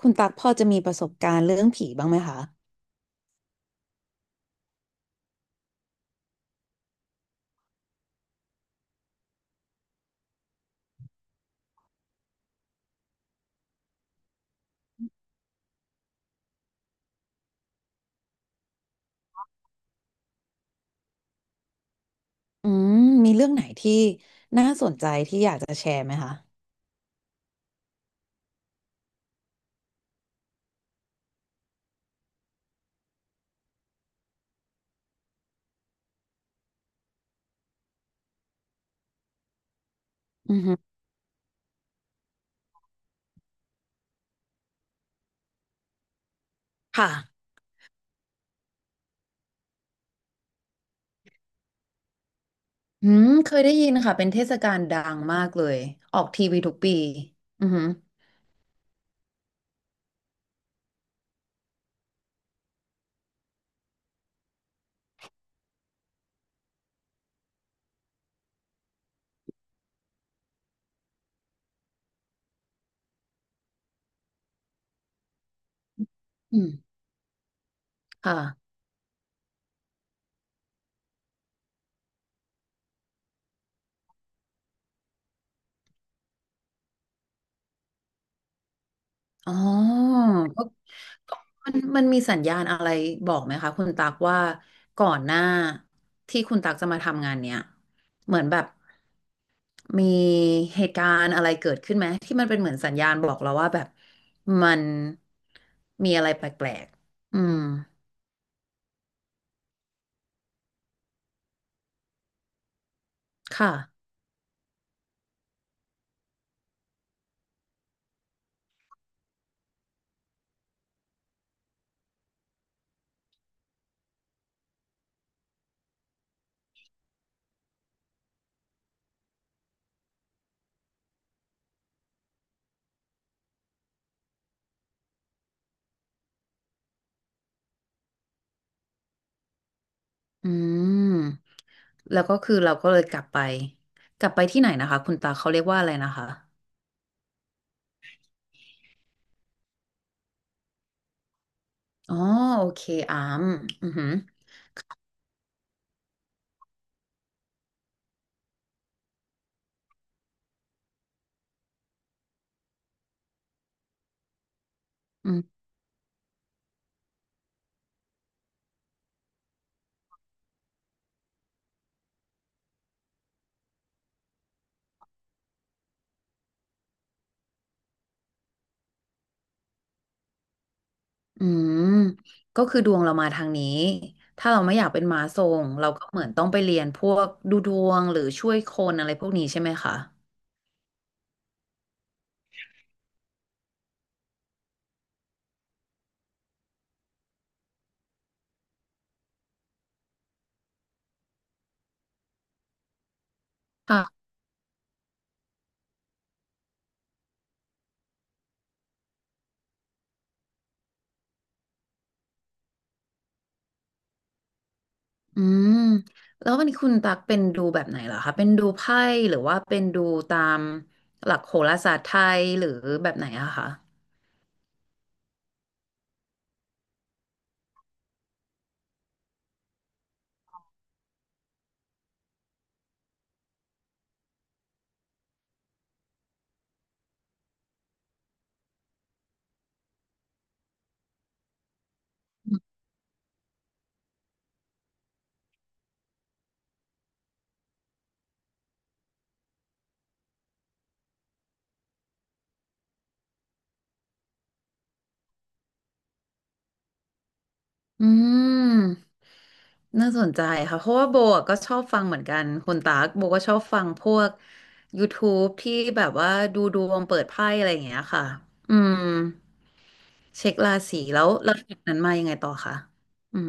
คุณตักพอจะมีประสบการณ์เรื่องผีบ้างไหมคะอืมมีเรื่องไหนที่น่าสนใจที่อยากจะแชร์ไหมคะอือฮึค่ะอืมเคยได้ยินค่ะเป็นเทศกาลดังมากเลย ออกทีวีทุกปีอือหืออืมค่ะอ๋อก็มันมีสัญญาณอะไรบอกไหมคะ คุณตักว่าก่อนหน้าที่คุณตักจะมาทำงานเนี้ย เหมือนแบบ มีเหตุการณ์อะไรเกิดขึ้นไหมที่มันเป็นเหมือนสัญญาณบอกเราว่าแบบมันมีอะไรแปลกๆอืมค่ะ อืม แล้วก็คือเราก็เลยกลับไปกลับไปที่ไหนนะคะคุณตาเขาเรียกว่าอะไรนะคะอ๋อโอเคอามอือหืออืมอืมก็คือดวงเรามาทางนี้ถ้าเราไม่อยากเป็นมาทรงเราก็เหมือนต้องไปเรียนพวกดูดวงหรือช่วยคนอะไรพวกนี้ใช่ไหมคะ อืมแล้ววันนี้คุณตักเป็นดูแบบไหนเหรอคะเป็นดูไพ่หรือว่าเป็นดูตามหลักโหราศาสตร์ไทยหรือแบบไหนอะคะอืมน่าสนใจค่ะเพราะว่าโบอะก็ชอบฟังเหมือนกันคุณตากโบก็ชอบฟังพวก YouTube ทบที่แบบว่าดูดวงเปิดไพ่อะไรอย่างเงี้ยค่ะอืมเช็คราศีแล้วจากนั้นมายังไงต่อคะอืม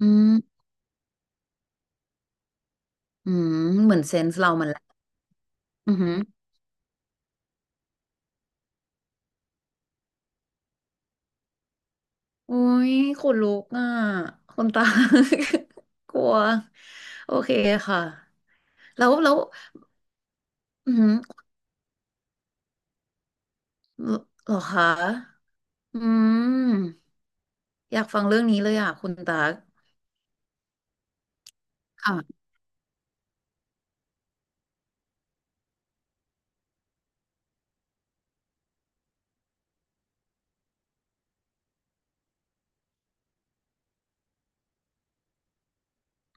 อืมอืมเหมือนเซนส์เรามันแหละอืม อุ้ยขนลุกอ่ะคนตา กลัวโอเคค่ะแล้วอืมเหรอคะอืมอยากฟังเรื่องนี้เลยอ่ะคุณตากค่ะ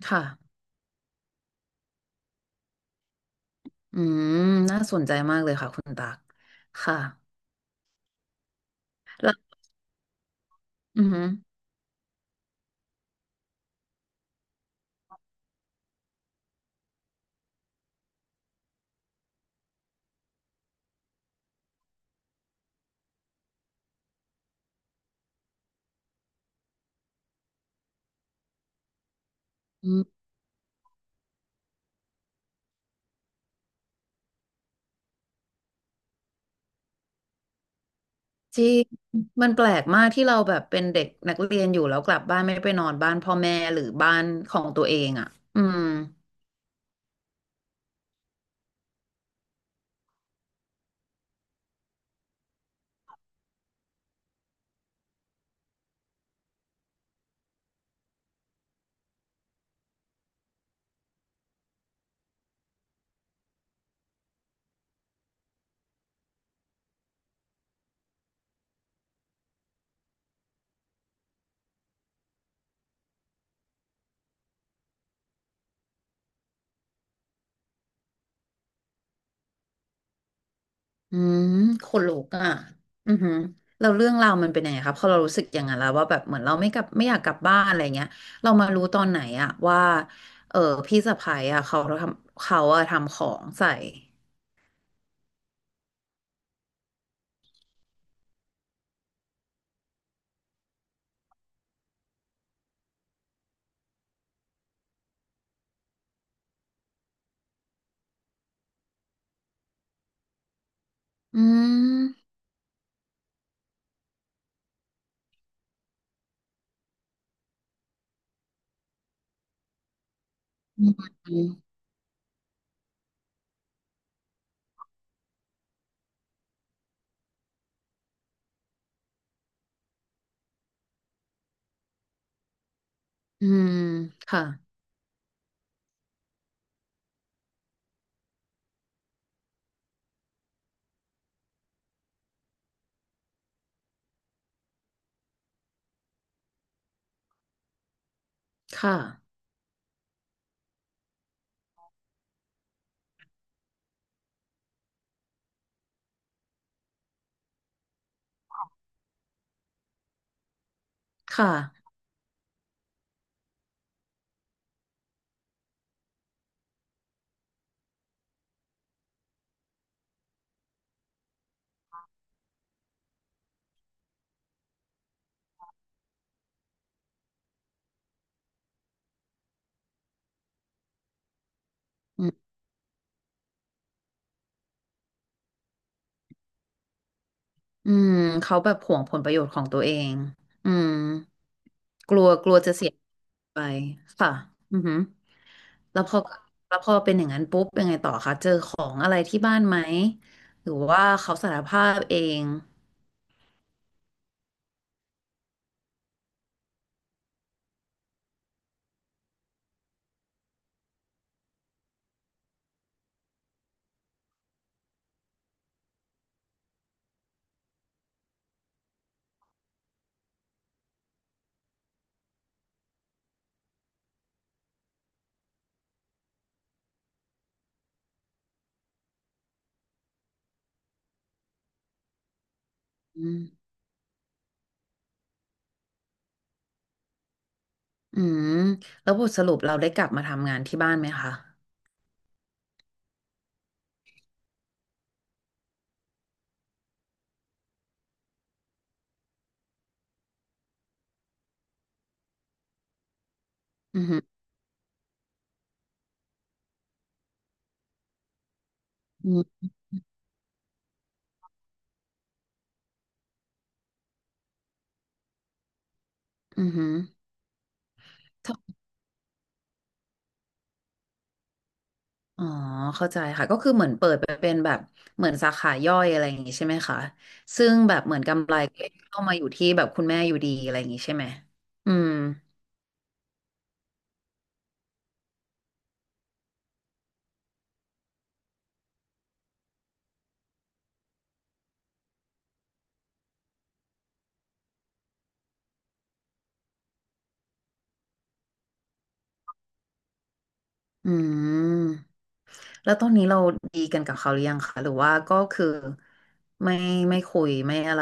ค่ะอืมน่าสนใจมากเลยค่ะคุณตากค่ะแล้วอืมอืมจริงมันแปลกมากที่เราแบบเป็นเด็กนักเรียนอยู่แล้วกลับบ้านไม่ไปนอนบ้านพ่อแม่หรือบ้านของตัวเองอ่ะอืม อืมขนลุกอ่ะอือหือเราเรื่องราวมันเป็นยังไงครับพอเรารู้สึกอย่างนั้นแล้วว่าแบบเหมือนเราไม่กลับไม่อยากกลับบ้านอะไรเงี้ยเรามารู้ตอนไหนอะว่าเออพี่สะใภ้อะเขาทำเขาอะทำของใส่อืมอืมอืมค่ะค่ะค่ะอืม อืมเขาแบบหวงผลประโยชน์ของตัวเองอืมกลัวกลัวจะเสียไปค่ะอือหือแล้วพอแล้วพอเป็นอย่างนั้นปุ๊บยังไงต่อคะเจอของอะไรที่บ้านไหมหรือว่าเขาสารภาพเองอืมอืมแล้วบทสรุปเราได้กลับมาทำงานที่บ้านไหมคะอือหืออืมออหือ อ๋อเข้าใจค่ะก็คือเหมือนเปิดไปเป็นแบบเหมือนสาขาย่อยอะไรอย่างงี้ใช่ไหมคะซึ่งแบบเหมือนกำไรก็เข้ามาอยู่ที่แบบคุณแม่อยู่ดีอะไรอย่างงี้ใช่ไหมอืมอืมแล้วตอนนี้เราดีกันกับเขาหรือยังคะหรือว่าก็คือไม่ไม่คุยไม่อะไร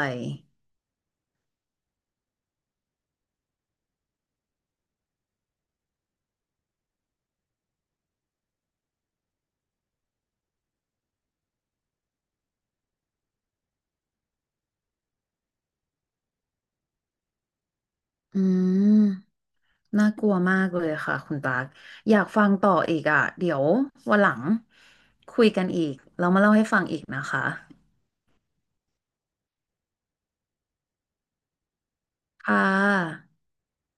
อืมน่ากลัวมากเลยค่ะคุณปาร์คอยากฟังต่ออีกอ่ะเดี๋ยววันหลังคุยกันอีกเรามาเล่าให้ฟังอีกนะคะค่ะ